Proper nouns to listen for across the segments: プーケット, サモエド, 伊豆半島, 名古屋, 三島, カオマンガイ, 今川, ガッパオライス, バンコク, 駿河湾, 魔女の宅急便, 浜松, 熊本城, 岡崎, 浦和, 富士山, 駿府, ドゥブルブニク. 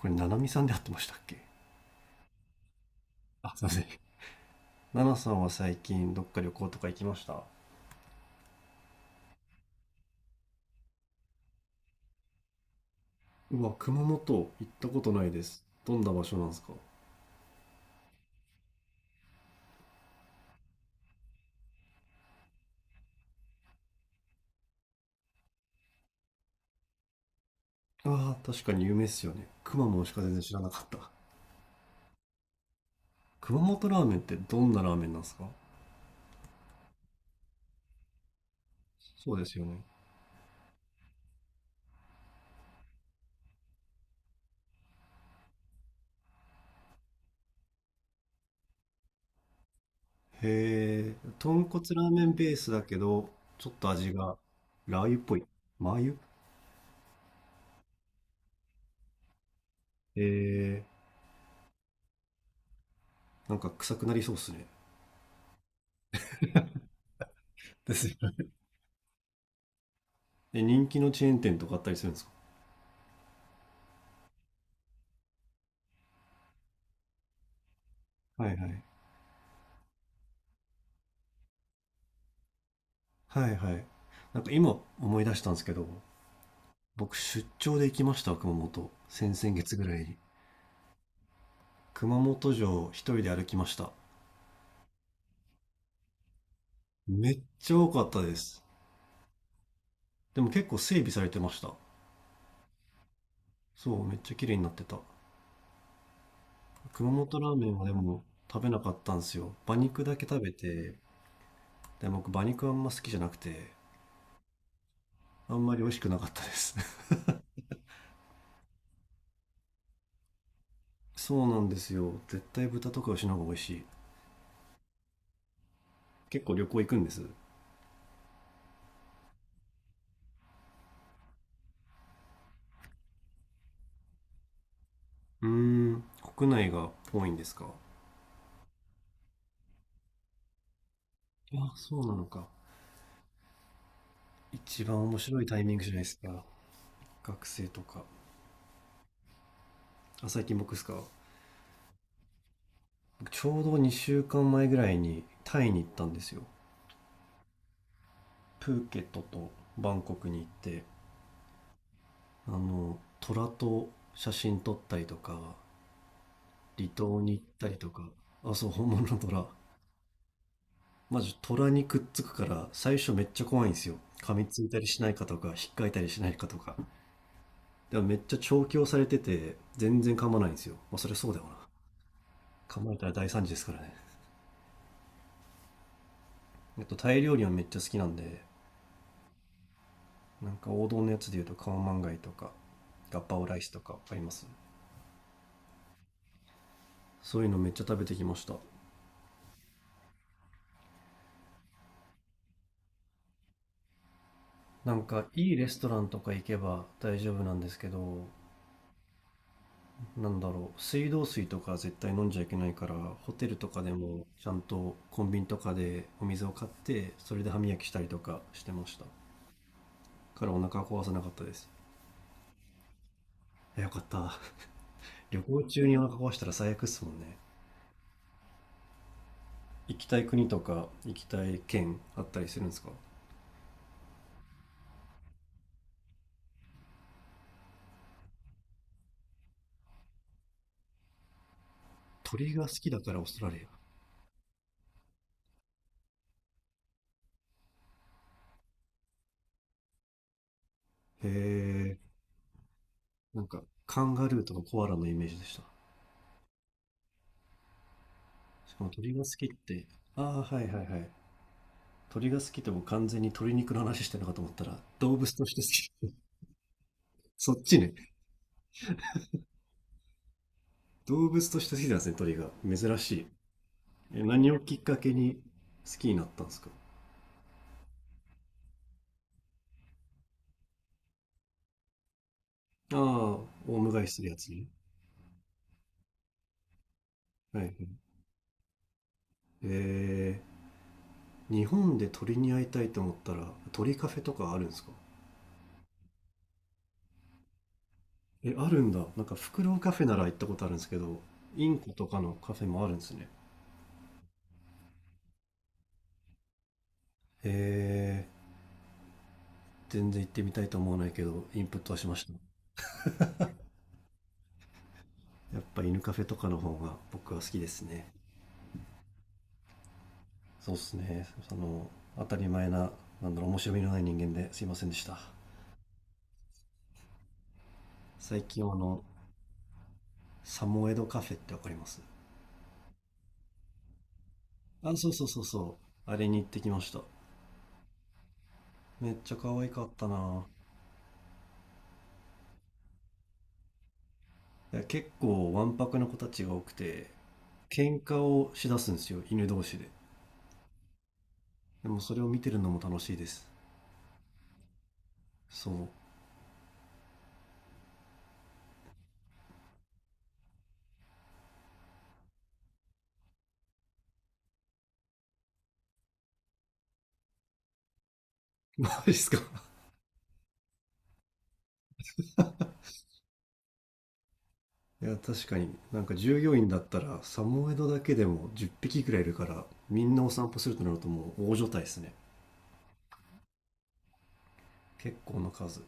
これ、ななみさんで会ってましたっけ？あ、すいません。ななさんは最近どっか旅行とか行きました？うわ、熊本。行ったことないです。どんな場所なんですか？ああ、確かに有名っすよね。熊本しか全然知らなかった。熊本ラーメンってどんなラーメンなんですか？そうですよね。へえ、豚骨ラーメンベースだけど、ちょっと味がラー油っぽい。マー油。へえ、なんか臭くなりそうっすね。ですよね。で、人気のチェーン店とかあったりするんですか？はいはい。はいはい。なんか今思い出したんですけど、僕出張で行きました、熊本。先々月ぐらいに。熊本城一人で歩きました。めっちゃ多かったです。でも結構整備されてました。そう、めっちゃ綺麗になってた。熊本ラーメンはでも食べなかったんですよ。馬肉だけ食べて、で僕馬肉あんま好きじゃなくて、あんまり美味しくなかったです。そうなんですよ。絶対豚とか牛の方が美味しい。結構旅行行くんです？うーん、国内が多いんですか？あ、そうなのか。一番面白いタイミングじゃないですか。学生とか。あ、最近僕ですか。僕ちょうど2週間前ぐらいにタイに行ったんですよ。プーケットとバンコクに行って、虎と写真撮ったりとか、離島に行ったりとか。あ、そう、本物の虎。まず虎にくっつくから最初めっちゃ怖いんですよ。噛みついたりしないかとか、引っかいたりしないかとか。でもめっちゃ調教されてて、全然噛まないんですよ。まあそりゃそうだよな。噛まれたら大惨事ですからね。タイ料理はめっちゃ好きなんで、なんか王道のやつで言うとカオマンガイとか、ガッパオライスとかあります。そういうのめっちゃ食べてきました。なんかいいレストランとか行けば大丈夫なんですけど、なんだろう、水道水とか絶対飲んじゃいけないから、ホテルとかでもちゃんとコンビニとかでお水を買って、それで歯磨きしたりとかしてました。からお腹壊さなかったです。いやよかった。旅行中にお腹壊したら最悪っすもんね。行きたい国とか行きたい県あったりするんですか？鳥が好きだからオーストラリア？へえ。ア。なんか、カンガルーとかコアラのイメージでした。しかも鳥が好きって、ああ、はいはいはい。鳥が好きってもう完全に鶏肉の話してるのかと思ったら、動物として好き。そっちね。動物として好きなんですね、鳥が。珍しい。え、何をきっかけに好きになったんですか？ああ、オウム返しするやつに。はいはい。え日本で鳥に会いたいと思ったら、鳥カフェとかあるんですか？え、あるんだ。なんか、フクロウカフェなら行ったことあるんですけど、インコとかのカフェもあるんですね。へえ、全然行ってみたいと思わないけど、インプットはしました。やっぱ犬カフェとかの方が僕は好きですね。そうですね。当たり前な、なんだろう、面白みのない人間ですいませんでした。最近はサモエドカフェってわかります？あ、そうそうそうそう。あれに行ってきました。めっちゃ可愛かったな。いや、結構わんぱくな子たちが多くて、喧嘩をしだすんですよ、犬同士で。でもそれを見てるのも楽しいです。そう。ですか。いや、確かになんか従業員だったらサモエドだけでも10匹くらいいるから、みんなお散歩するとなるともう大所帯ですね。結構な数。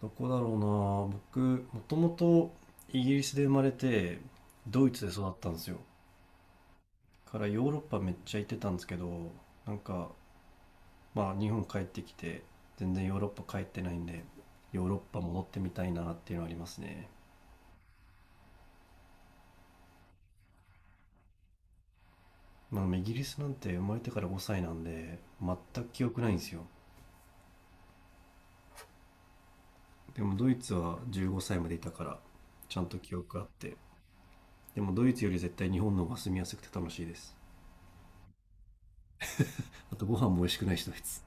どこだろうな。僕もともとイギリスで生まれて、ドイツで育ったんですよ。からヨーロッパめっちゃ行ってたんですけど、なんか、まあ日本帰ってきて全然ヨーロッパ帰ってないんで、ヨーロッパ戻ってみたいなっていうのはありますね。まあ、イギリスなんて生まれてから5歳なんで全く記憶ないんですよ。でもドイツは15歳までいたからちゃんと記憶あって、でもドイツより絶対日本の方が住みやすくて楽しいです。あとご飯も美味しくないし、ドイツ。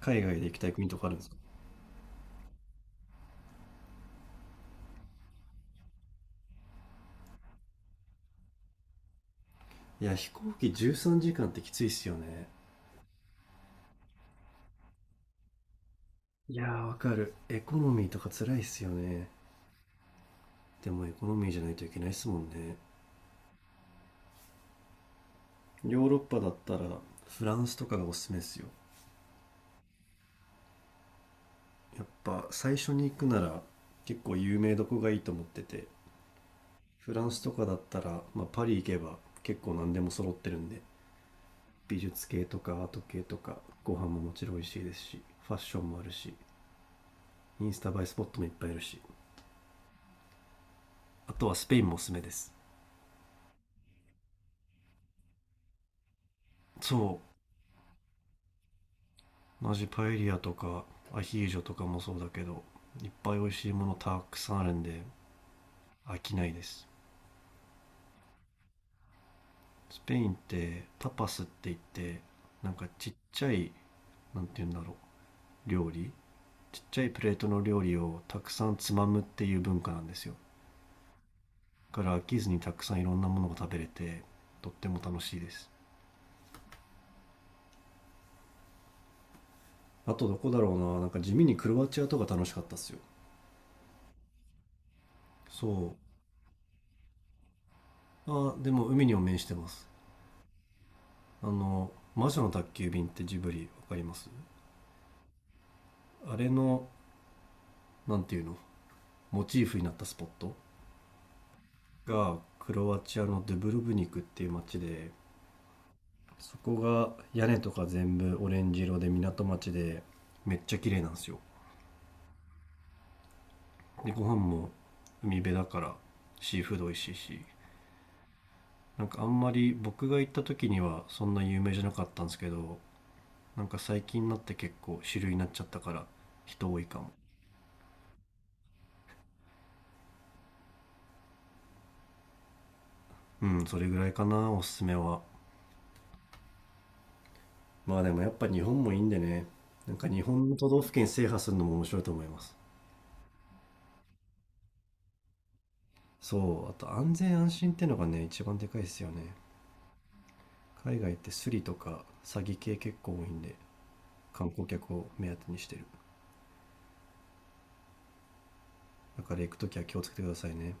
海外で行きたい国とかあるんですか？いや、飛行機13時間ってきついっすよね。いやー、わかる。エコノミーとか辛いっすよね。でもエコノミーじゃないといけないっすもんね。ヨーロッパだったらフランスとかがおすすめっすよ。やっぱ最初に行くなら結構有名どこがいいと思ってて、フランスとかだったら、まあ、パリ行けば結構何でも揃ってるんで、美術系とかアート系とか、ご飯ももちろん美味しいですし、ファッションもあるし、インスタ映えスポットもいっぱいあるし。あとはスペインもおすすめです。そう、同じパエリアとか、アヒージョとかもそうだけど、いっぱい美味しいものたくさんあるんで飽きないです。スペインってタパスって言って、なんかちっちゃい、なんて言うんだろう、料理、ちっちゃいプレートの料理をたくさんつまむっていう文化なんですよ。から飽きずにたくさんいろんなものが食べれて、とっても楽しいです。あと、どこだろうな、なんか地味にクロアチアとか楽しかったっすよ。そう。あ、でも海にも面してます。あの「魔女の宅急便」ってジブリわかります？あれの、なんていうの、モチーフになったスポットがクロアチアのドゥブルブニクっていう町で、そこが屋根とか全部オレンジ色で港町でめっちゃ綺麗なんですよ。でご飯も海辺だからシーフード美味しいし、なんかあんまり僕が行った時にはそんな有名じゃなかったんですけど、なんか最近になって結構主流になっちゃったから人多いかも。うん、それぐらいかな、おすすめは。まあでもやっぱ日本もいいんでね、なんか日本の都道府県制覇するのも面白いと思います。そう、あと安全安心ってのがね、一番でかいですよね。海外ってスリとか詐欺系結構多いんで、観光客を目当てにしてる。だから行くときは気をつけてくださいね。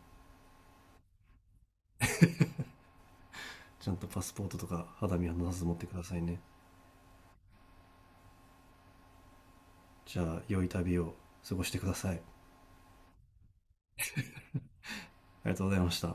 ちゃんとパスポートとか肌身離さず持ってくださいね。じゃあ良い旅を過ごしてください。ありがとうございました。